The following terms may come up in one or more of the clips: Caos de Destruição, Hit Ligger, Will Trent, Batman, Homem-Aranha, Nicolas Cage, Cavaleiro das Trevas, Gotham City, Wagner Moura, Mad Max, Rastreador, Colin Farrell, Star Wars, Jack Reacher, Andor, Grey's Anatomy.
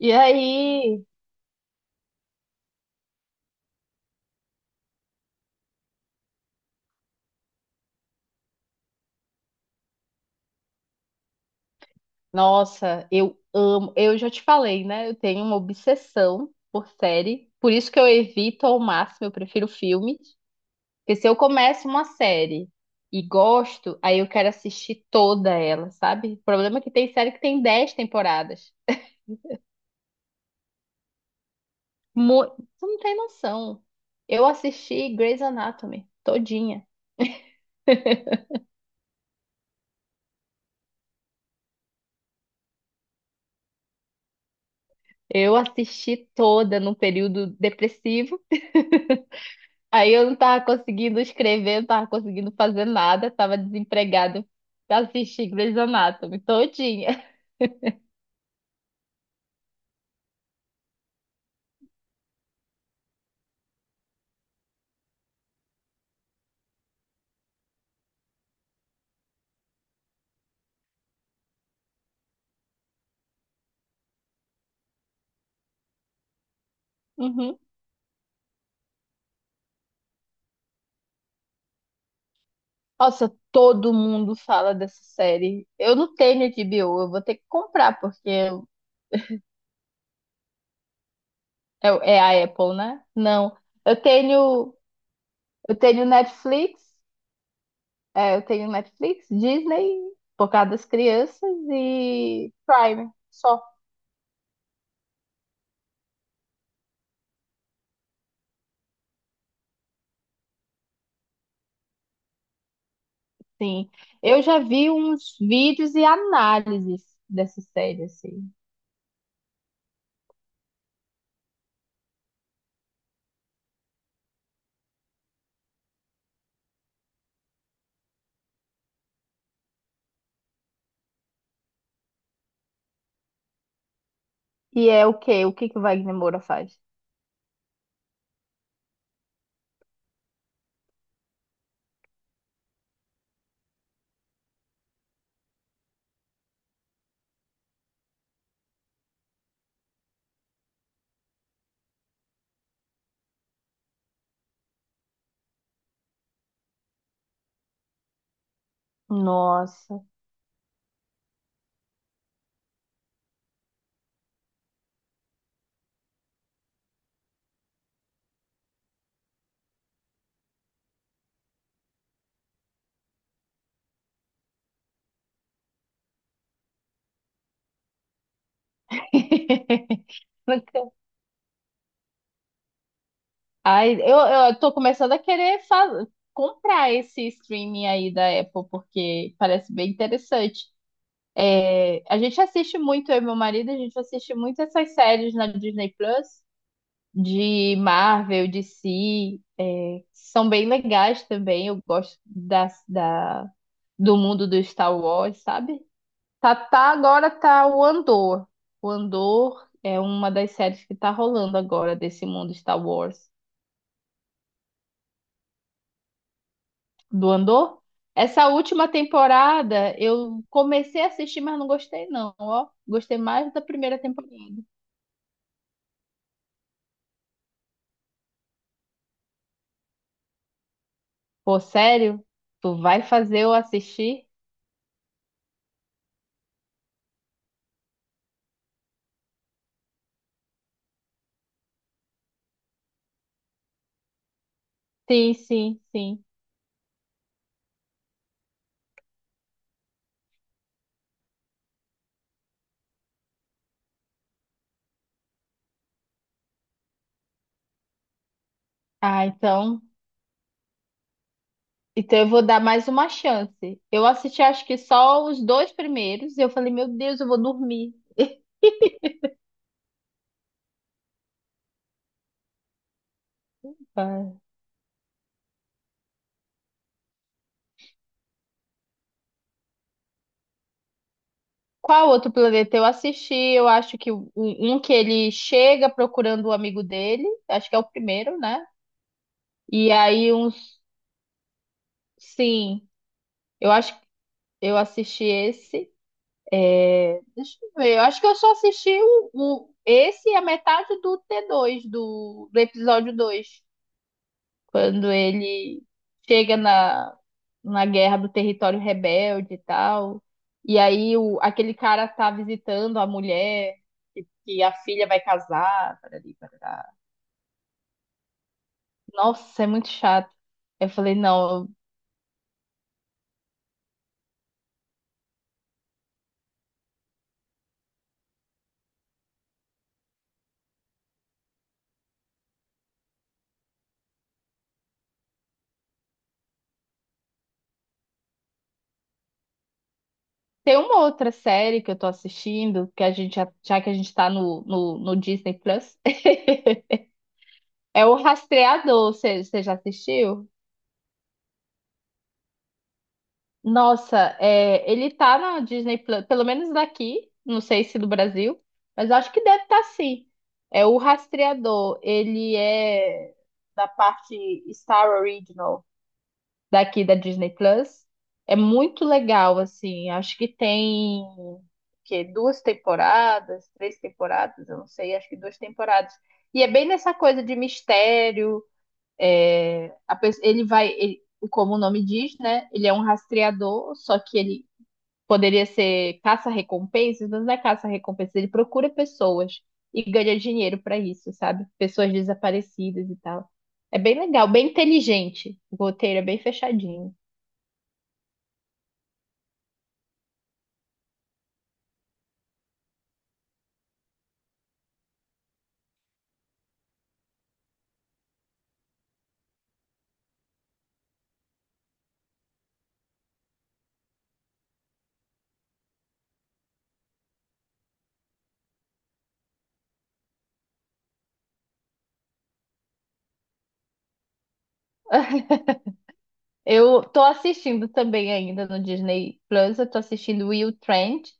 E aí, nossa, eu amo. Eu já te falei, né? Eu tenho uma obsessão por série. Por isso que eu evito ao máximo, eu prefiro filme. Porque se eu começo uma série e gosto, aí eu quero assistir toda ela, sabe? O problema é que tem série que tem dez temporadas. Tu não tem noção. Eu assisti Grey's Anatomy todinha. Eu assisti toda num período depressivo. Aí eu não tava conseguindo escrever, não tava conseguindo fazer nada, tava desempregado pra assistir Grey's Anatomy todinha. Uhum. Nossa, todo mundo fala dessa série. Eu não tenho H B O, eu vou ter que comprar, é a Apple, né? Não. Eu tenho, eu tenho Netflix, eu tenho Netflix, Disney, por causa das crianças, e Prime, só. Sim. Eu já vi uns vídeos e análises dessa série, assim. E é o quê? O que o Wagner Moura faz? Nossa. Nunca- Ai, eu tô começando a querer comprar esse streaming aí da Apple, porque parece bem interessante. É, a gente assiste muito, eu e meu marido, a gente assiste muito essas séries na Disney Plus, de Marvel, DC, é, são bem legais também. Eu gosto da, da, do mundo do Star Wars, sabe? Tá agora tá o Andor. O Andor é uma das séries que tá rolando agora desse mundo Star Wars. Do Andor? Essa última temporada eu comecei a assistir, mas não gostei não, ó. Gostei mais da primeira temporada. Pô, sério? Tu vai fazer eu assistir? Sim, sim, sim. Ah, então, então eu vou dar mais uma chance. Eu assisti acho que só os dois primeiros e eu falei, meu Deus, eu vou dormir. Ah, qual outro planeta eu assisti? Eu acho que um que ele chega procurando o amigo dele, acho que é o primeiro, né? E aí uns, sim, eu acho que eu assisti esse. Deixa eu ver, eu acho que eu só assisti esse e a metade do do episódio 2. Quando ele chega na guerra do território rebelde e tal. E aí aquele cara tá visitando a mulher, que a filha vai casar, parari, parará. Nossa, é muito chato. Eu falei, não, eu- tem uma outra série que eu tô assistindo, que já que a gente tá no Disney Plus, é o Rastreador, você já assistiu? Nossa, é, ele tá na Disney Plus, pelo menos daqui, não sei se do Brasil, mas eu acho que deve estar sim. É o Rastreador, ele é da parte Star Original, daqui da Disney Plus. É muito legal, assim. Acho que tem que duas temporadas, três temporadas, eu não sei, acho que duas temporadas. E é bem nessa coisa de mistério. É, a pe- ele vai, ele- Como o nome diz, né? Ele é um rastreador, só que ele poderia ser caça-recompensas, mas não é caça-recompensas, ele procura pessoas e ganha dinheiro para isso, sabe? Pessoas desaparecidas e tal. É bem legal, bem inteligente. O roteiro é bem fechadinho. Eu tô assistindo também ainda no Disney Plus, eu tô assistindo Will Trent,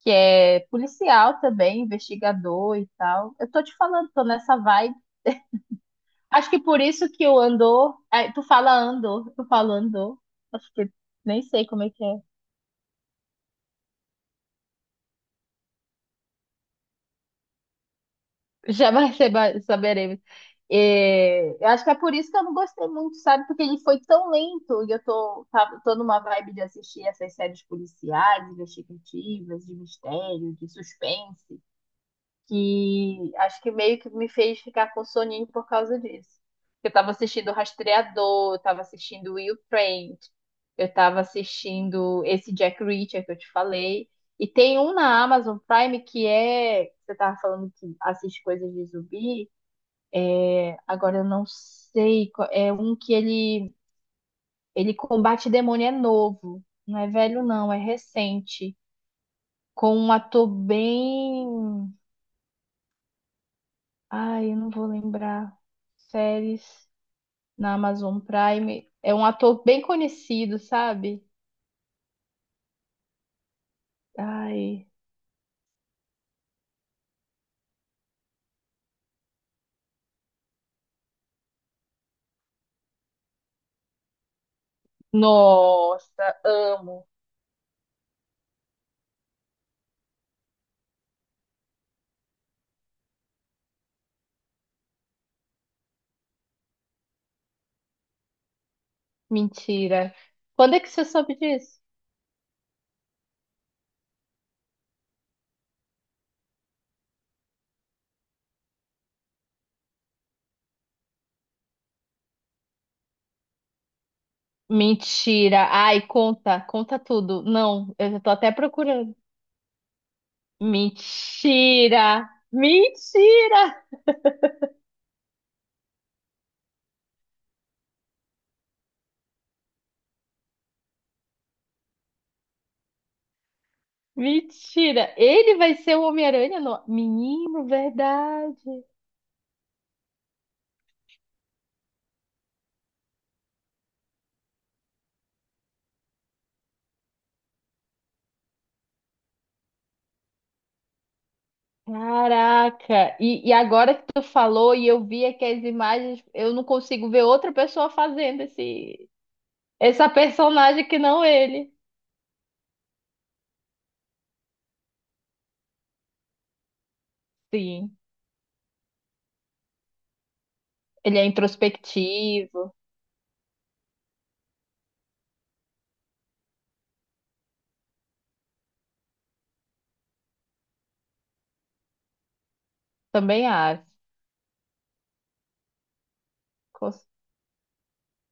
que é policial também, investigador e tal. Eu tô te falando, tô nessa vibe. Acho que por isso que o Andor, ai, tu fala Andor, tu fala Andor. Acho que nem sei como é que é. Já vai ser, ba- saberemos. É, eu acho que é por isso que eu não gostei muito, sabe? Porque ele foi tão lento e tô numa vibe de assistir essas séries policiais, investigativas, de mistério, de suspense. Que acho que meio que me fez ficar com soninho por causa disso. Eu tava assistindo o Rastreador, eu tava assistindo Will Trent, eu tava assistindo esse Jack Reacher que eu te falei. E tem um na Amazon Prime que é. Você tava falando que assiste coisas de zumbi. Agora eu não sei. É um que ele combate demônio, é novo. Não é velho, não, é recente. Com um ator bem. Ai, eu não vou lembrar. Séries. Na Amazon Prime. É um ator bem conhecido, sabe? Ai, nossa, amo. Mentira. Quando é que você soube disso? Mentira. Ai, conta, conta tudo. Não, eu já tô até procurando. Mentira. Mentira. Mentira. Ele vai ser o Homem-Aranha no... Menino, verdade. Caraca. E agora que tu falou e eu vi aqui as imagens, eu não consigo ver outra pessoa fazendo esse essa personagem que não ele. Sim. Ele é introspectivo. Também acho. Com,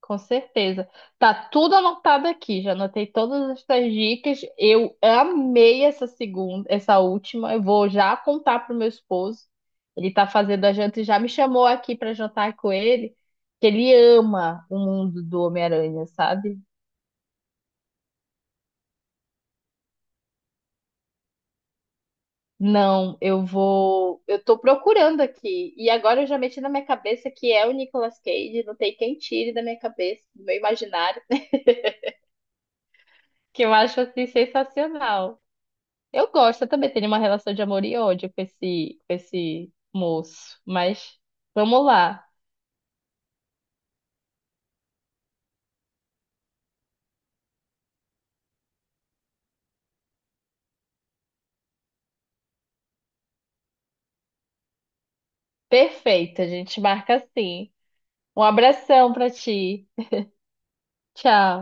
com certeza. Tá tudo anotado aqui. Já anotei todas essas dicas. Eu amei essa segunda, essa última. Eu vou já contar pro meu esposo. Ele tá fazendo a janta e já me chamou aqui para jantar com ele. Que ele ama o mundo do Homem-Aranha, sabe? Não, eu vou. Eu tô procurando aqui. E agora eu já meti na minha cabeça que é o Nicolas Cage. Não tem quem tire da minha cabeça, do meu imaginário, que eu acho assim sensacional. Eu gosto, eu também tenho uma relação de amor e ódio com esse moço. Mas vamos lá. Perfeito, a gente marca assim. Um abração pra ti. Tchau.